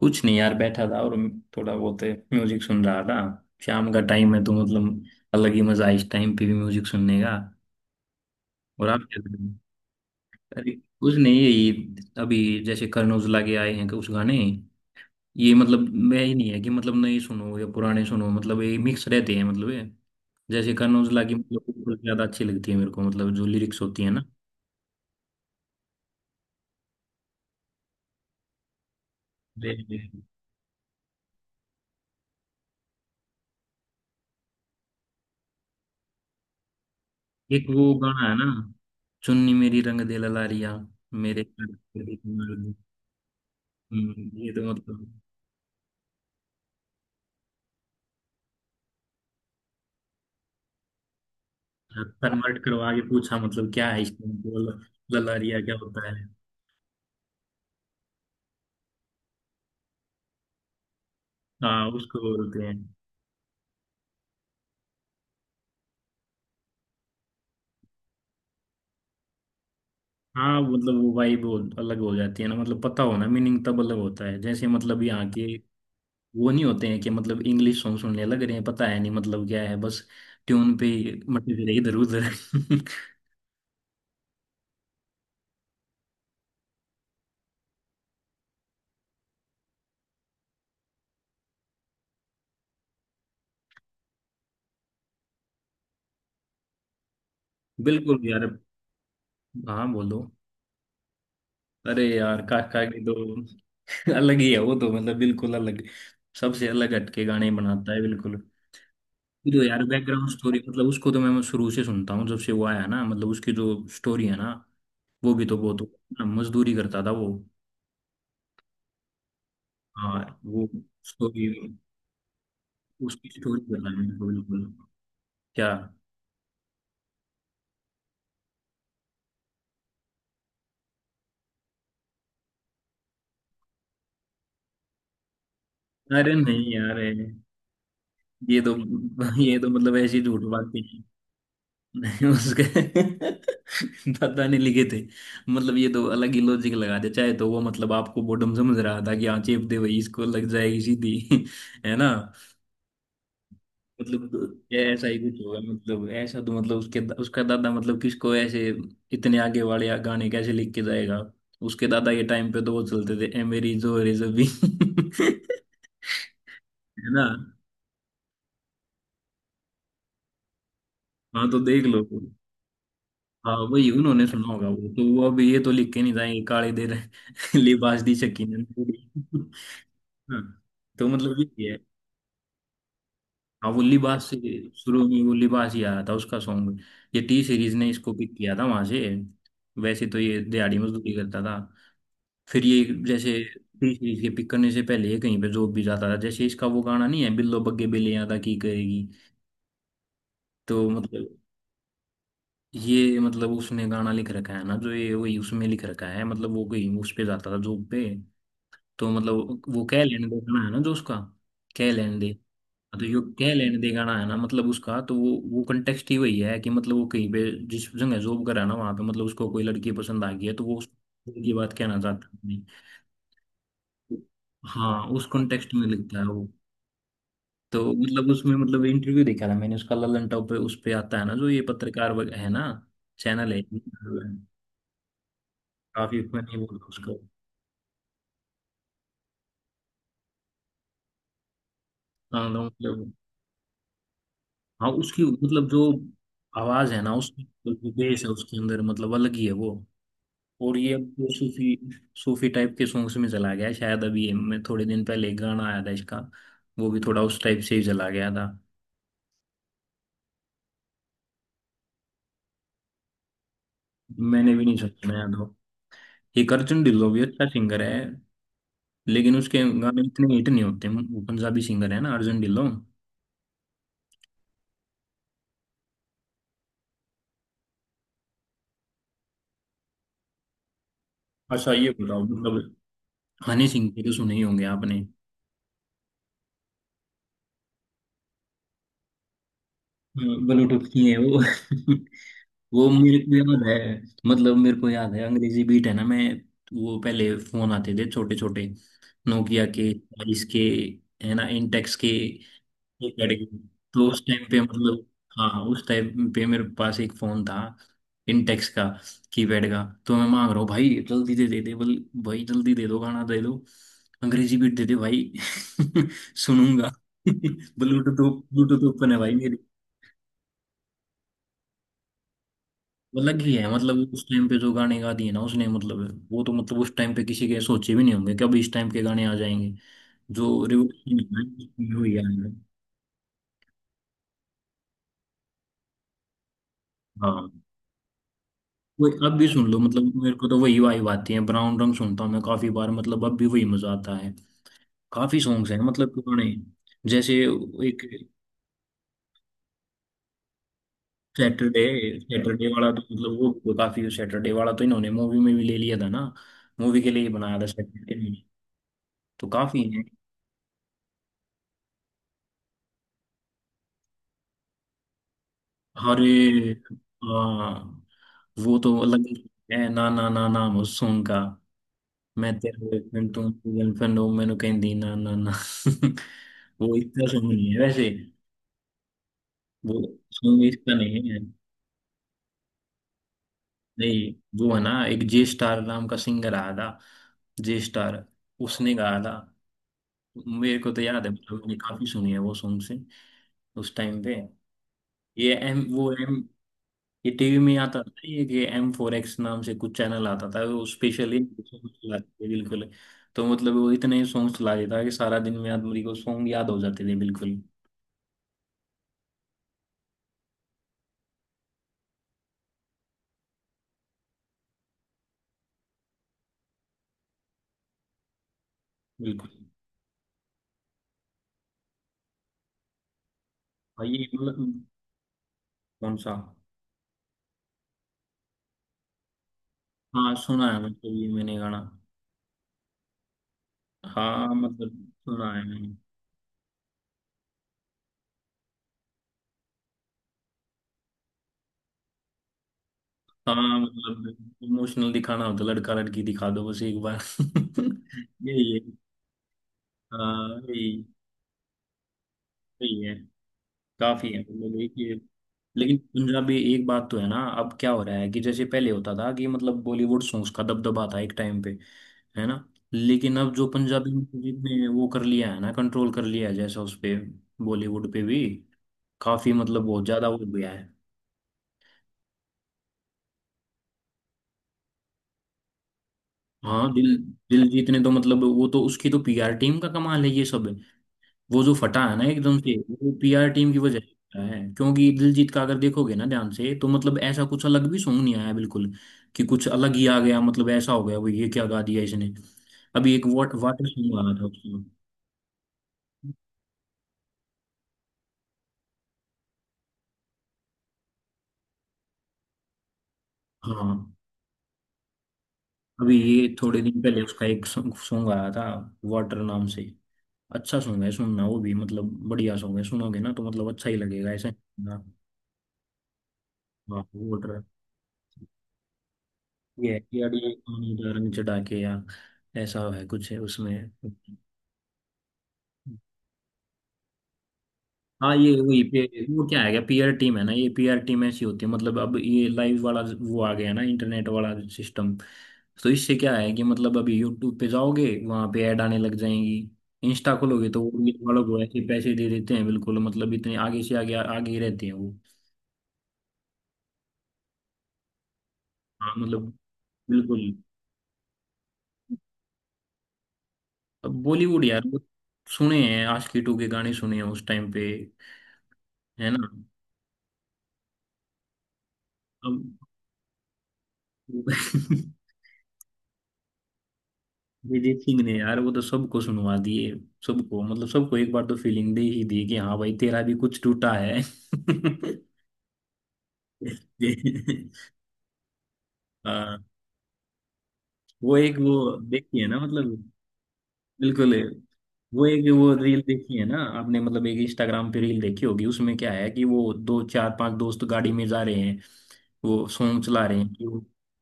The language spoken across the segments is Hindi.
कुछ नहीं यार, बैठा था और थोड़ा बहुत म्यूजिक सुन रहा था। शाम का टाइम है तो मतलब अलग ही मजा है इस टाइम पे भी म्यूजिक सुनने का। और आप क्या कर रहे हो? अरे कुछ नहीं, यही अभी जैसे करण औजला के आए हैं कुछ गाने। ये मतलब मैं ही नहीं है कि मतलब नए सुनो या पुराने सुनो, मतलब ये मिक्स रहते हैं। मतलब ये जैसे करण औजला की मतलब कुछ ज्यादा अच्छी लगती है मेरे को, मतलब जो लिरिक्स होती है ना। जी, जी। एक वो गाना है ना, चुन्नी मेरी रंग दे ललारिया मेरे। ये तो मतलब। हाँ, कन्वर्ट करवा के पूछा मतलब क्या है इसमें बोल-। ललारिया क्या होता है। हाँ, उसको बोलते हैं। हाँ मतलब वो वाइब अलग हो जाती है ना, मतलब पता होना मीनिंग तब अलग होता है जैसे मतलब यहाँ के वो नहीं होते हैं कि मतलब इंग्लिश सॉन्ग सुनने लग रहे हैं, पता है नहीं मतलब क्या है, बस ट्यून पे ही मटे फिरे इधर उधर बिल्कुल यार। हाँ बोलो। अरे यार काका की तो अलग ही है वो तो, मतलब बिल्कुल अलग, सबसे अलग हटके गाने बनाता है बिल्कुल। ये तो यार बैकग्राउंड स्टोरी, मतलब उसको तो मैं शुरू से सुनता हूँ जब से वो आया ना, मतलब उसकी जो स्टोरी है ना वो भी तो बहुत। मजदूरी करता था वो। हाँ वो स्टोरी, उसकी स्टोरी बताई मेरे को बिल्कुल। क्या, अरे नहीं यार, ये तो, ये तो मतलब ऐसी झूठ बातें, नहीं उसके दादा ने लिखे थे, मतलब ये तो अलग ही लॉजिक लगा दे चाहे तो। वो मतलब आपको बॉडम समझ रहा था कि हाँ चेप दे भाई, इसको लग जाएगी सीधी है ना। मतलब तो ऐसा ही कुछ होगा, मतलब ऐसा तो मतलब उसके, उसका दादा मतलब किसको ऐसे इतने आगे वाले गाने कैसे लिख के जाएगा। उसके दादा के टाइम पे तो वो चलते थे ए मेरी जो रे जबी है ना। हाँ तो देख लो। हाँ वही उन्होंने सुना होगा वो तो। वो अब ये तो लिख के नहीं जाएंगे, काले देर लिबास दी शकीन ने पूरी। हाँ तो मतलब ये है। हाँ वो लिबास से, शुरू में वो लिबास ही आ रहा था उसका सॉन्ग। ये टी सीरीज ने इसको पिक किया था वहां से। वैसे तो ये दिहाड़ी मजदूरी करता था। फिर ये जैसे टी सीरीज के पिक करने से पहले ये कहीं पे जॉब भी जाता था। जैसे इसका वो गाना नहीं है, बिल्लो बग्गे बिल्ली अदा की करेगी। तो मतलब ये मतलब उसने गाना लिख रखा है ना जो, ये वही उसमें लिख रखा है मतलब वो कहीं उस पे जाता था जॉब पे। तो मतलब वो कह लेने दे गाना है ना जो उसका, कह लेने दे। हाँ, तो जो क्या लेने दे गाना है ना, मतलब उसका तो वो कंटेक्स्ट ही वही है कि मतलब वो कहीं पे जिस जगह जॉब कर रहा है ना वहां पे मतलब उसको कोई लड़की पसंद आ गई है तो वो उस की बात कहना चाहता है। नहीं। हाँ उस कंटेक्स्ट में लिखता है वो। तो मतलब उसमें मतलब इंटरव्यू देखा था मैंने उसका ललन टॉप पे, उस पे आता है ना जो ये पत्रकार वग- है ना, चैनल है। काफी फनी बोलता उसको। हाँ तो मतलब हाँ उसकी मतलब जो आवाज है ना उसकी, जो बेस है उसके अंदर मतलब अलग ही है वो। और ये अब तो सूफी सूफी टाइप के सॉन्ग्स में चला गया है। शायद अभी मैं थोड़े दिन पहले एक गाना आया था इसका, वो भी थोड़ा उस टाइप से ही चला गया था। मैंने भी नहीं सुना याद हो। एक अर्जुन ढिल्लो भी अच्छा सिंगर है, लेकिन उसके गाने इतने हिट नहीं होते। वो पंजाबी सिंगर है ना, अर्जुन ढिल्लो। अच्छा ये बताओ मतलब हनी सिंह के तो सुने ही होंगे आपने। ब्लूटूथ की है वो वो मेरे को याद है, मतलब मेरे को याद है अंग्रेजी बीट है ना मैं। वो पहले फोन आते थे छोटे छोटे, नोकिया के, इसके, है ना, इंटेक्स के, ये करके। तो उस टाइम पे मतलब। हाँ उस टाइम पे मेरे पास एक फोन था, इंटेक्स का, कीपैड का। तो मैं मांग रहा हूँ भाई जल्दी दे दे दे बोल, भाई जल्दी दे दो गाना दे दो, अंग्रेजी बीट दे दे भाई सुनूंगा ब्लूटूथ ब्लूटूथ ओपन है भाई। अलग ही है, मतलब उस टाइम पे जो गाने गा दिए ना उसने, मतलब वो तो मतलब उस टाइम पे किसी के सोचे भी नहीं होंगे कि अब इस टाइम के गाने आ जाएंगे। जो रिवॉल्यूशन हुई है। हाँ वो अब भी सुन लो, मतलब मेरे को तो वही वाइब आती है। ब्राउन रंग सुनता हूँ मैं काफी बार, मतलब अब भी वही मजा आता है। काफी सॉन्ग्स हैं मतलब पुराने, जैसे एक सैटरडे। सैटरडे वाला तो मतलब, वो काफी, सैटरडे वाला तो इन्होंने मूवी में भी ले लिया था ना, मूवी के लिए ही बनाया था सैटरडे। तो काफी है। अरे हाँ वो तो अलग है ना, ना ना ना वो सॉन्ग का, मैं तेरा गर्लफ्रेंड तुम गर्लफ्रेंड हो मैंने कहीं दी ना ना ना वो इसका सॉन्ग नहीं है वैसे, वो सॉन्ग इसका नहीं है। नहीं, वो है ना एक जे स्टार नाम का सिंगर आया था, जे स्टार, उसने गाया था। मेरे को तो याद है, मतलब मैंने काफी सुनी है वो सॉन्ग से उस टाइम पे। ये एम वो एम, ये टीवी में आता था ना, ये कि M4X नाम से कुछ चैनल आता था, वो स्पेशली बिल्कुल। तो मतलब वो इतने सॉन्ग चला देता था कि सारा दिन में आदमी को सॉन्ग याद हो जाते थे बिल्कुल। बिल्कुल। भाई ये मतलब। कौन सा। हाँ सुना है, मतलब ये मैंने गाना। हाँ मतलब सुना है मैंने। हाँ मतलब इमोशनल दिखाना होता, लड़का लड़की दिखा दो बस एक बार यही है। हाँ यही। यही है। काफी है मतलब। लेकिन पंजाबी एक बात तो है ना, अब क्या हो रहा है कि जैसे पहले होता था कि मतलब बॉलीवुड सॉन्ग्स का दबदबा था एक टाइम पे, है ना। लेकिन अब जो पंजाबी म्यूजिक ने वो कर लिया है ना कंट्रोल कर लिया है जैसा उस पे, बॉलीवुड पे भी काफी, मतलब बहुत ज्यादा हो गया है। हाँ दिल, दिलजीत ने तो मतलब वो तो, उसकी तो पीआर टीम का कमाल है ये सब। वो जो फटा है ना एकदम से, वो पीआर टीम की वजह से फटा है, क्योंकि दिलजीत का अगर देखोगे ना ध्यान से तो मतलब ऐसा कुछ अलग भी सॉन्ग नहीं आया बिल्कुल कि कुछ अलग ही आ गया, मतलब ऐसा हो गया वो ये क्या गा दिया इसने। अभी एक वाटर सॉन्ग आया था उसका। हाँ अभी ये थोड़े दिन पहले उसका एक सॉन्ग आया था, वाटर नाम से। अच्छा सॉन्ग है, सुनना वो भी, मतलब बढ़िया सॉन्ग है, सुनोगे ना तो मतलब अच्छा ही लगेगा ऐसा। हाँ। हाँ, वाटर। ये है कि अड़ी पानी का रंग चढ़ा के या, ऐसा है कुछ है उसमें। हाँ ये वही पे। वो क्या है, पीयर टीम है ना, ये पीयर टीम ऐसी होती है मतलब, अब ये लाइव वाला वो आ गया ना, इंटरनेट वाला सिस्टम। तो इससे क्या है कि मतलब अभी यूट्यूब पे जाओगे वहां पे ऐड आने लग जाएंगी, इंस्टा खोलोगे तो वो reel वालों को ऐसे पैसे दे देते हैं बिल्कुल। मतलब इतने आगे से आगे आगे ही रहते हैं वो। हाँ मतलब बिल्कुल। अब बॉलीवुड यार वो सुने हैं, आशिकी टू के गाने सुने हैं उस टाइम पे, है ना। अब अरिजीत सिंह ने यार वो तो सबको सुनवा दिए, सबको, मतलब सबको एक बार तो फीलिंग दे ही दी कि हाँ भाई तेरा भी कुछ टूटा है हाँ, वो एक वो देखी है ना मतलब बिल्कुल, वो एक वो रील देखी है ना आपने, मतलब एक इंस्टाग्राम पे रील देखी होगी, उसमें क्या है कि वो दो चार पांच दोस्त गाड़ी में जा रहे हैं, वो सॉन्ग चला रहे हैं कि वो।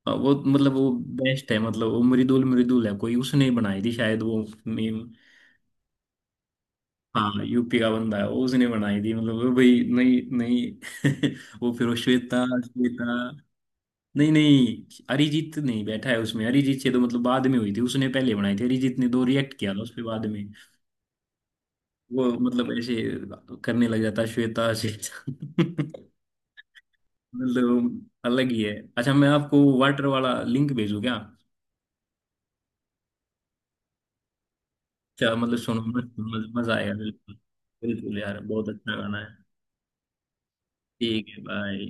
हाँ, वो मतलब वो बेस्ट है, मतलब वो मृदुल, मृदुल है कोई, उसने बनाई थी शायद वो मीम। हाँ यूपी का बंदा है वो, उसने बनाई थी, मतलब वो भाई नहीं नहीं वो फिर वो, श्वेता श्वेता। नहीं नहीं अरिजीत नहीं बैठा है उसमें, अरिजीत से तो मतलब बाद में हुई थी, उसने पहले बनाई थी, अरिजीत ने दो रिएक्ट किया था उस पे बाद में। वो मतलब ऐसे करने लग जाता है, श्वेता श्वेता मतलब अलग ही है। अच्छा मैं आपको वाटर वाला लिंक भेजू क्या? अच्छा मतलब सुनो मस्त- मजा आएगा बिल्कुल। बिल्कुल यार, बहुत अच्छा गाना है। ठीक है बाय।